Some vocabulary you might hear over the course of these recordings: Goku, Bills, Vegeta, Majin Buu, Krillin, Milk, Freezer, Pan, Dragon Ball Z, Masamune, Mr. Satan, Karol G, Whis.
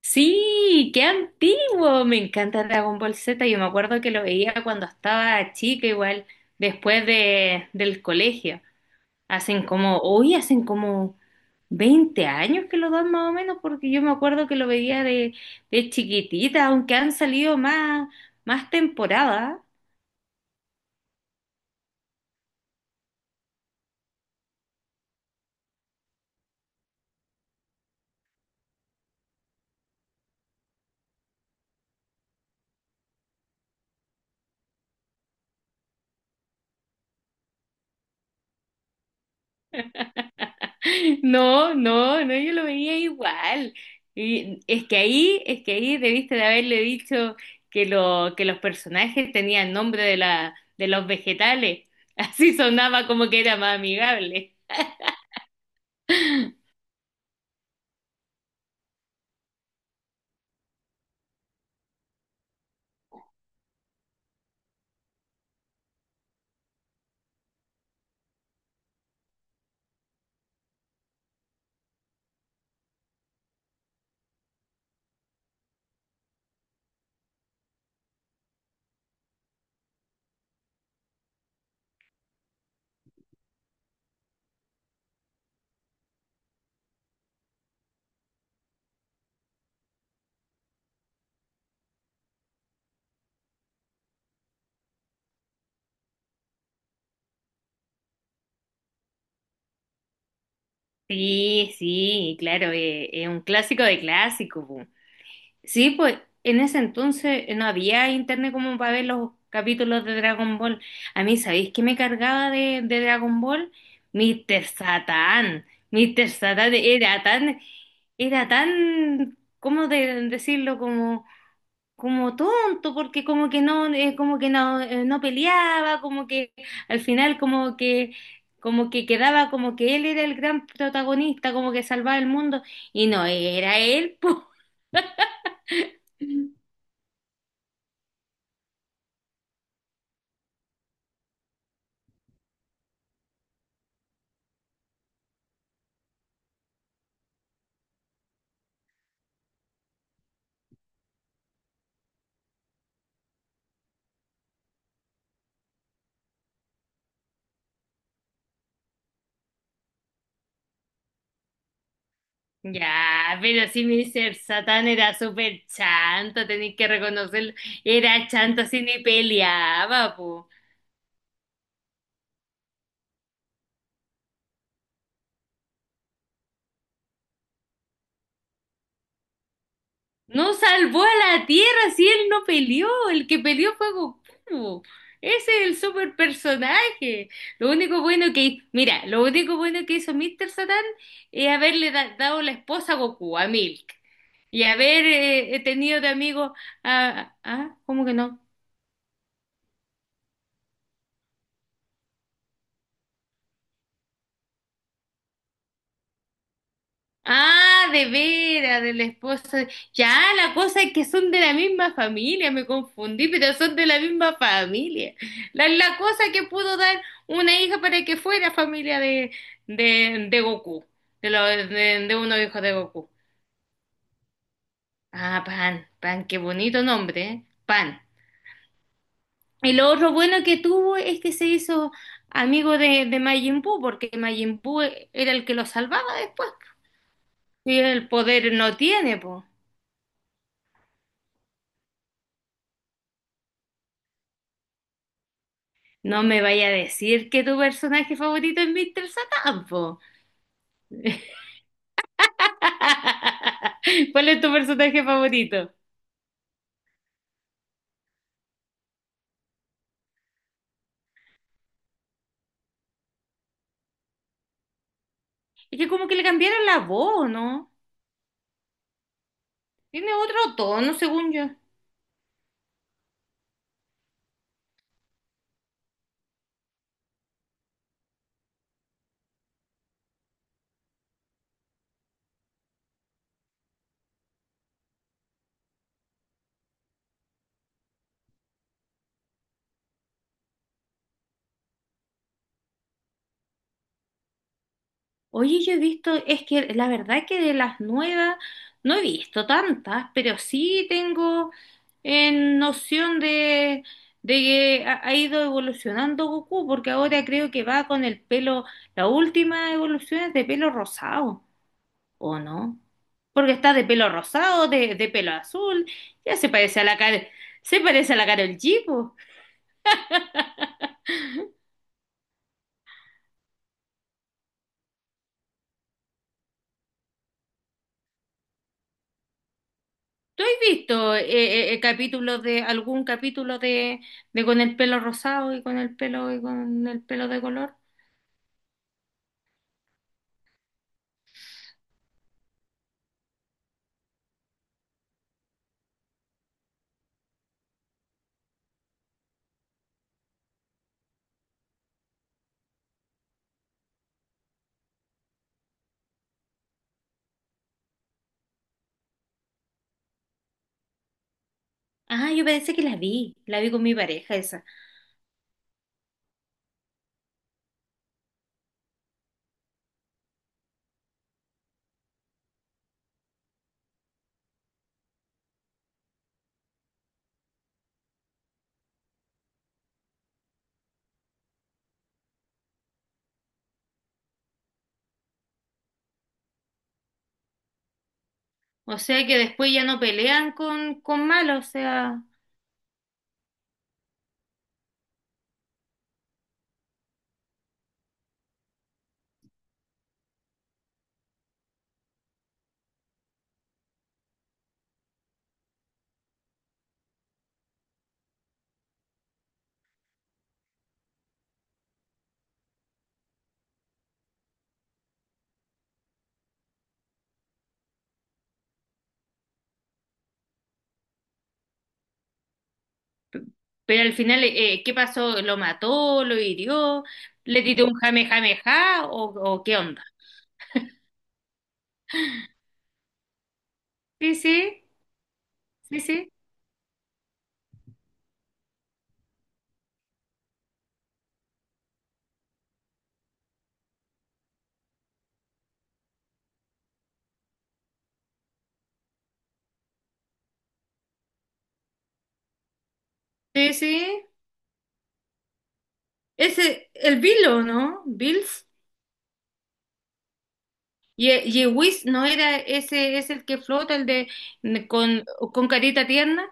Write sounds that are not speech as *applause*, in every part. Sí, qué antiguo. Me encanta Dragon Ball Z. Yo me acuerdo que lo veía cuando estaba chica, igual, después del colegio. Hoy hacen como 20 años que lo dan más o menos, porque yo me acuerdo que lo veía de chiquitita, aunque han salido más temporadas. No, no, no, yo lo veía igual. Es que ahí debiste de haberle dicho que los personajes tenían nombre de los vegetales. *laughs* Así sonaba como que era más amigable. Sí, sí, claro, es un clásico de clásicos, po. Sí, pues en ese entonces no había internet como para ver los capítulos de Dragon Ball. A mí, ¿sabéis qué me cargaba de Dragon Ball? Mr. Satan. Mr. Satan era tan, ¿cómo decirlo? Como tonto, porque como que no, no peleaba, como que al final como que quedaba como que él era el gran protagonista, como que salvaba el mundo, y no era él, *laughs* po. Ya, pero si Mr. Satán era súper chanto, tenéis que reconocerlo, era chanto, así ni peleaba, po. No salvó a la Tierra si él no peleó. El que peleó fue Goku. Ese es el super personaje. Lo único bueno que, mira, lo único bueno que hizo Mr. Satan es haberle dado la esposa a Goku, a Milk. Y haber tenido de amigo ah, ¿cómo que no? Ah, de veras, de la esposa. Ya, la cosa es que son de la misma familia, me confundí, pero son de la misma familia. La cosa que pudo dar una hija para que fuera familia de Goku, de, lo- de, de uno hijo de Goku. Ah, Pan, Pan, qué bonito nombre, ¿eh? Pan. Y lo otro bueno que tuvo es que se hizo amigo de Majin Buu, porque Majin Buu era el que lo salvaba después. Y el poder no tiene, pues. No me vaya a decir que tu personaje favorito es Mr. Satan, po. *laughs* ¿Cuál es tu personaje favorito? Es que como que le cambiaron la voz, ¿no? Tiene otro tono, según yo. Oye, yo he visto, es que la verdad es que de las nuevas no he visto tantas, pero sí tengo en noción de que ha ido evolucionando Goku, porque ahora creo que va con el pelo, la última evolución es de pelo rosado. ¿O no? Porque está de pelo rosado, de pelo azul, ya se parece a la cara, se parece a la Karol G, po. ¿Tú has visto capítulos de algún capítulo de con el pelo rosado y con el pelo y con el pelo de color? Ah, yo parece que la vi con mi pareja esa. O sea que después ya no pelean con malo, o sea, pero al final, ¿qué pasó? ¿Lo mató? ¿Lo hirió? ¿Le tiró un jame jame ja? ¿O qué onda? Sí, sí, sí, sí. Sí, sí. Ese, el Bill o ¿no? Bills. Y, y Whis, ¿no era ese, es el que flota, el de con, con carita tierna?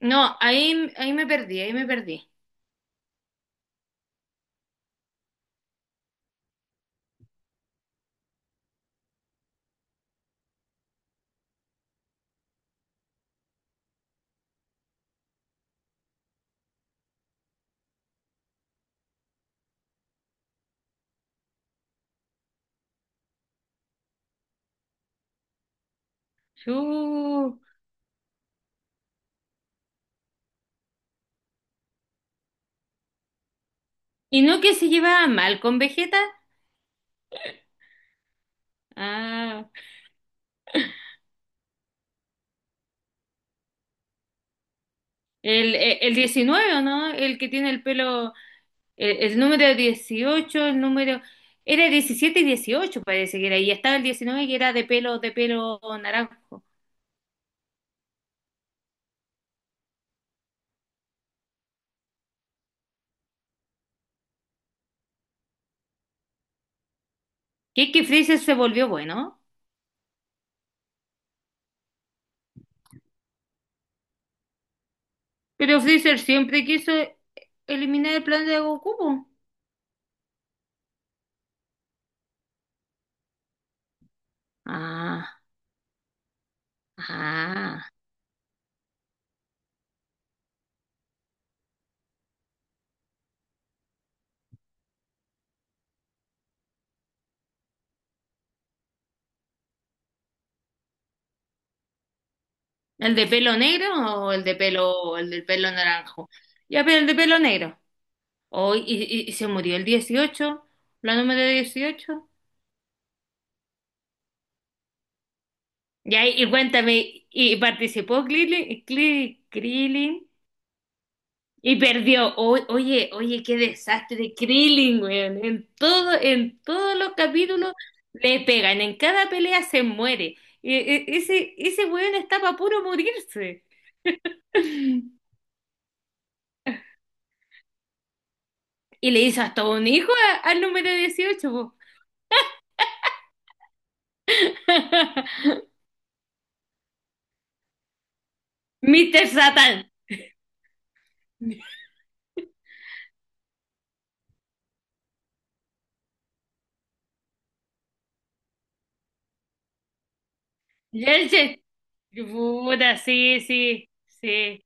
No, ahí, ahí me perdí, ahí me perdí. Chu. ¿Y no que se llevaba mal con Vegeta? Ah, el 19, ¿o no? El que tiene el pelo, el número dieciocho, el número... Era 17 y 18 parece que era, y estaba el 19 que era de pelo naranjo. Que Freezer se volvió bueno. Pero Freezer siempre quiso eliminar el plan de Goku, po. Ah, ah. ¿El de pelo negro o el de pelo, el del pelo naranjo? Ya, pero el de pelo negro. Oh, y se murió el dieciocho, la número dieciocho. Ya, y cuéntame, ¿y participó Krillin? ¿Krillin? Y perdió. Oye, oye, qué desastre de Krillin, weón. En todos los capítulos le pegan, en cada pelea se muere. Ese weón está para puro morirse. *laughs* Y le hizo hasta un hijo al número dieciocho, po. *laughs* Mr. Satan. Y él se- Puta, sí, sí, sí,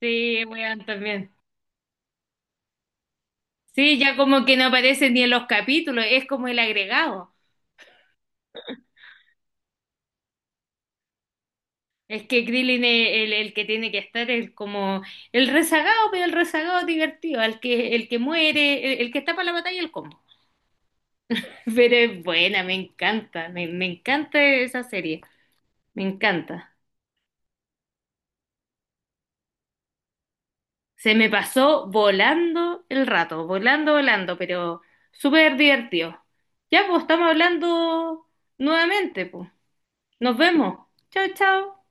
sí, weón, también. Sí, ya como que no aparece ni en los capítulos, es como el agregado. Es que Krillin es el que tiene que estar, es como el rezagado, pero el rezagado divertido, el que muere, el que está para la batalla, el combo. *laughs* Pero es buena, me encanta, me encanta esa serie, me encanta. Se me pasó volando el rato, volando, volando, pero súper divertido. Ya, pues estamos hablando nuevamente, pues. Nos vemos. Chao, chao.